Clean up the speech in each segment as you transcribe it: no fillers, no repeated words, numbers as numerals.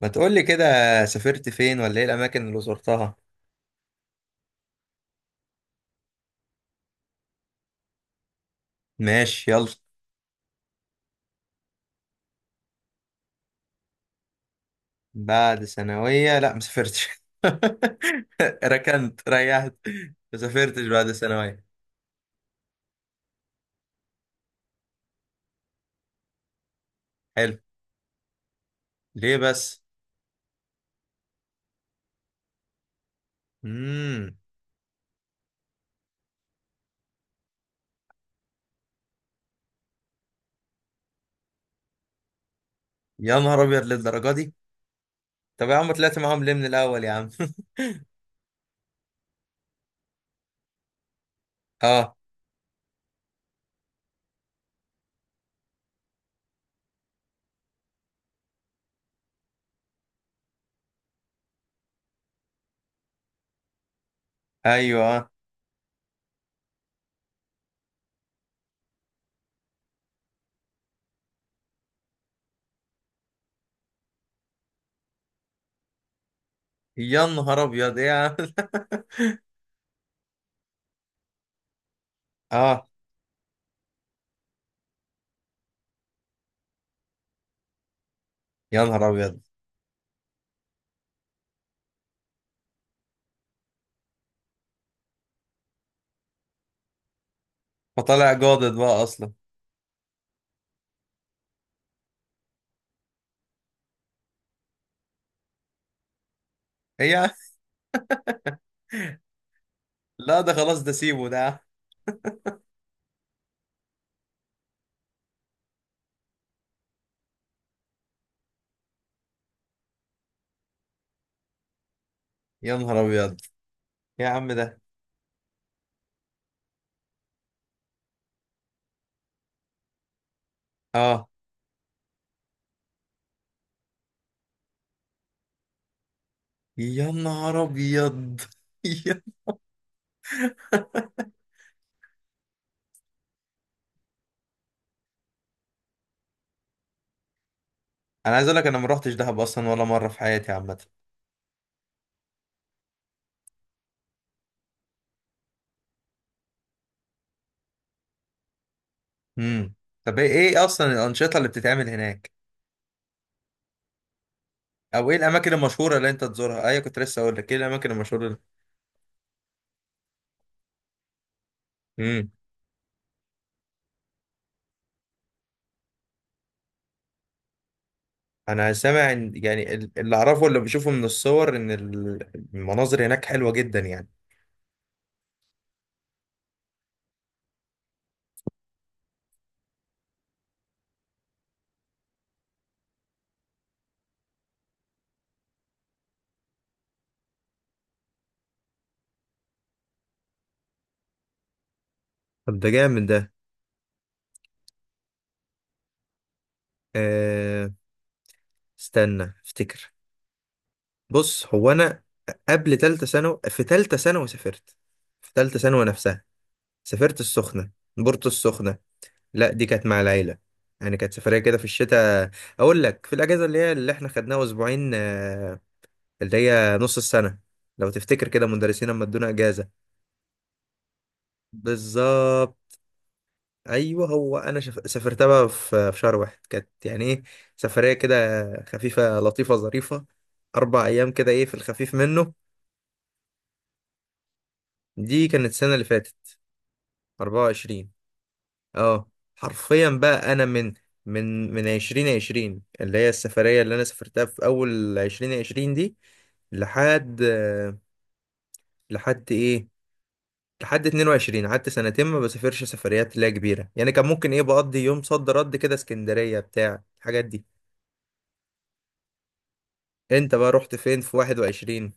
ما تقولي كده. سافرت فين، ولا ايه الاماكن اللي زرتها؟ ماشي، يلا. بعد ثانوية، لا ما سافرتش. ركنت، ريحت. ما سافرتش بعد ثانوية. حلو. ليه بس؟ امم. يا نهار ابيض، للدرجة دي؟ طب يا عم، طلعت معاهم ليه من الاول يا عم؟ اه. ايوه. يا نهار ابيض، ايه يا عم؟ اه. يا نهار ابيض. فطالع جادد بقى اصلا؟ ايه يا عم؟ لا ده خلاص ده سيبه ده يا عم. يا نهار ابيض. إيه يا عم ده؟ اه. يا نهار ابيض. يا- انا عايز اقول لك انا ما روحتش دهب اصلا ولا مره في حياتي عامه. امم. طب، إيه اصلا الانشطه اللي بتتعمل هناك؟ او ايه الاماكن المشهوره اللي انت تزورها؟ ايوه، كنت لسه اقول لك ايه الاماكن المشهوره اللي... امم. انا سامع يعني اللي اعرفه اللي بشوفه من الصور ان المناظر هناك حلوه جدا يعني. طب ده جامد ده. أه... استنى، افتكر. بص، هو انا، قبل تالتة ثانوي في تالتة ثانوي سافرت. في تالتة ثانوي نفسها سافرت السخنة. بورتو السخنة. لا، دي كانت مع العيلة. يعني كانت سفرية كده في الشتاء. أقول لك، في الأجازة اللي هي اللي إحنا خدناها أسبوعين اللي هي نص السنة. لو تفتكر كده، مدرسين لما ادونا أجازة. بالظبط. أيوه، هو أنا سافرتها بقى في شهر واحد، كانت يعني إيه، سفرية كده خفيفة لطيفة ظريفة. 4 أيام كده، إيه في الخفيف منه. دي كانت السنة اللي فاتت 24. اه، حرفيا بقى انا من 2020، اللي هي السفرية اللي انا سافرتها في اول 2020 دي، لحد، لحد ايه، لحد 22. قعدت سنتين ما بسافرش سفريات لا كبيرة يعني، كان ممكن ايه بقضي يوم صد رد كده اسكندرية بتاع الحاجات دي. انت بقى رحت فين في 21؟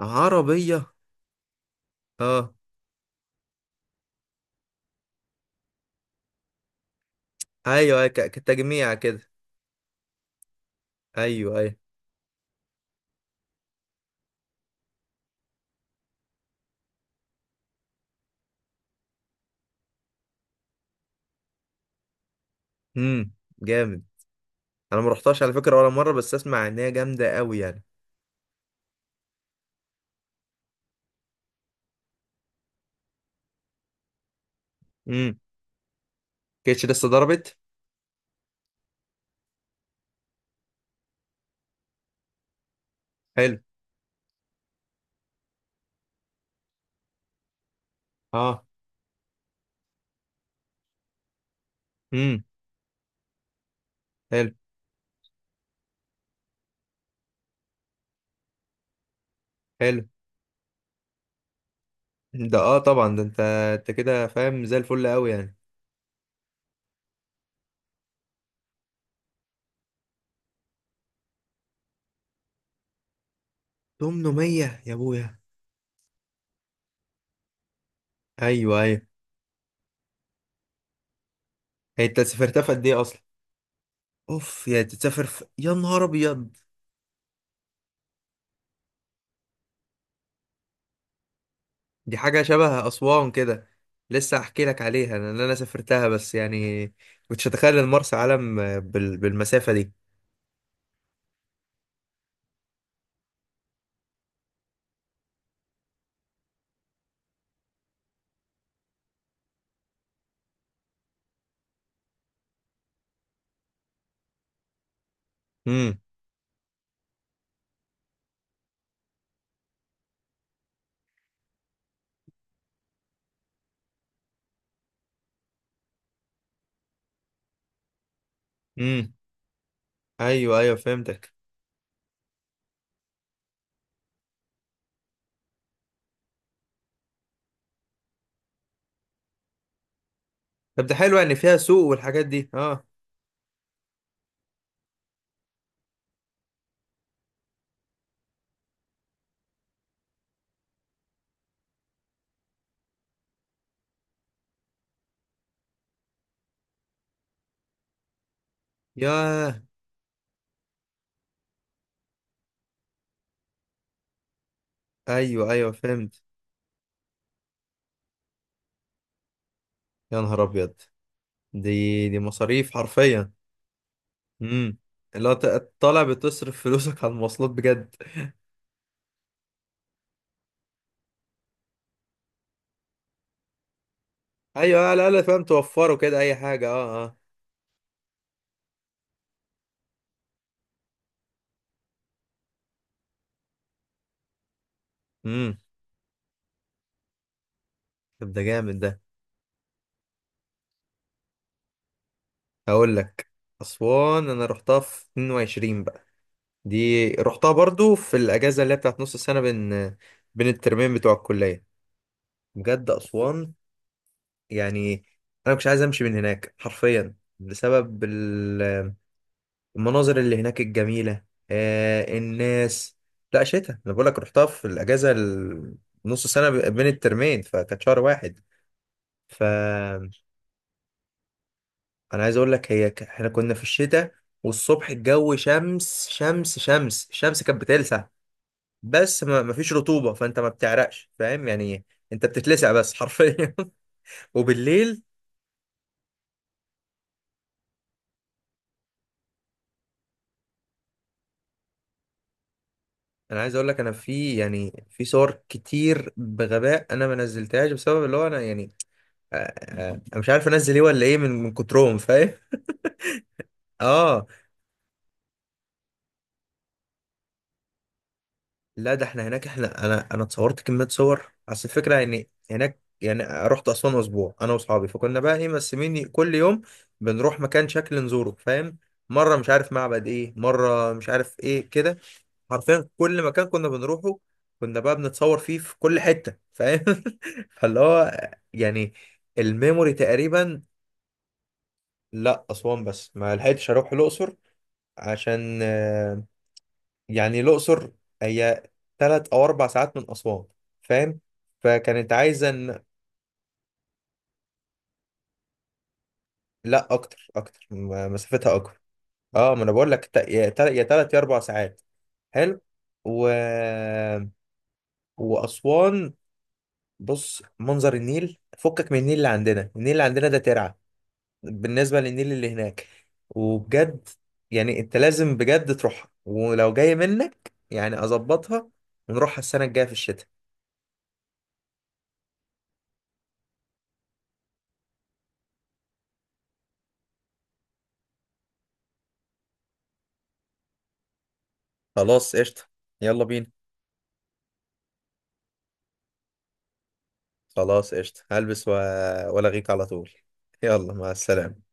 عربية. اه. ايوه ايوه، كتجميع كده. ايوه، ايوه. امم. جامد. انا ما رحتهاش على فكرة ولا مرة، بس اسمع ان هي جامدة قوي يعني. امم. كانتش لسه ضربت. حلو. اه. امم. حلو. حلو ده، اه طبعا ده، انت كده فاهم زي الفل قوي يعني. 800. يا ابويا. ايوه، ايوه. هي انت سافرتها في قد ايه اصلا؟ اوف، يا نهار ابيض. دي حاجه شبه اسوان كده. لسه هحكي لك عليها، لان انا سافرتها بس يعني، كنتش اتخيل ان مرسى علم بالمسافه دي. امم. امم. ايوه ايوه، فهمتك. طب ده حلو، يعني فيها سوق والحاجات دي، اه. ياه. ايوه ايوه، فهمت. يا نهار ابيض. دي مصاريف حرفيا. امم. اللي هو طالع بتصرف فلوسك على المواصلات بجد. ايوه، على الاقل فاهم توفروا كده اي حاجه، اه اه. امم. طب ده جامد ده. هقول لك. اسوان انا رحتها في 22 بقى. دي رحتها برضو في الاجازه اللي هي بتاعت نص السنه، بين بين الترمين بتوع الكليه. بجد اسوان، يعني انا مش عايز امشي من هناك حرفيا بسبب المناظر اللي هناك الجميلة، الناس. لا شتاء، انا بقول لك رحتها في الاجازة نص سنة، بين الترمين فكانت شهر واحد. فانا عايز اقول لك، هي احنا كنا في الشتاء، والصبح الجو شمس شمس شمس، الشمس كانت بتلسع. بس ما فيش رطوبة، فانت ما بتعرقش، فاهم يعني. انت بتتلسع بس حرفيا. وبالليل، انا عايز اقول لك، انا في يعني في صور كتير بغباء، انا ما نزلتهاش بسبب اللي هو انا يعني، انا مش عارف انزل ايه ولا ايه من كترهم، فاهم. اه. لا، ده احنا هناك، احنا انا اتصورت كميه صور، اصل الفكره يعني هناك، يعني رحت اسوان اسبوع انا واصحابي، فكنا بقى ايه مقسمين كل يوم، بنروح مكان شكل نزوره، فاهم. مره مش عارف معبد ايه، مره مش عارف ايه كده. حرفيا كل مكان كنا بنروحه، كنا بقى بنتصور فيه في كل حته، فاهم. فاللي هو يعني الميموري تقريبا. لا، اسوان بس، ما لحقتش اروح الاقصر. عشان يعني الأقصر، هي 3 أو 4 ساعات من أسوان، فاهم. فكانت عايزة إن، لا أكتر أكتر، مسافتها أكبر. أه ما أنا بقول لك، يا 3 يا 4 ساعات. حلو. و... وأسوان، بص منظر النيل، فكك من النيل اللي عندنا. النيل اللي عندنا ده ترعة بالنسبة للنيل اللي هناك. وبجد، يعني أنت لازم بجد تروحها، ولو جاي منك يعني أظبطها، ونروحها السنة الجاية في الشتاء. خلاص قشطة. يلا بينا. خلاص قشطة، هلبس وألاقيك على طول. يلا، مع السلامة.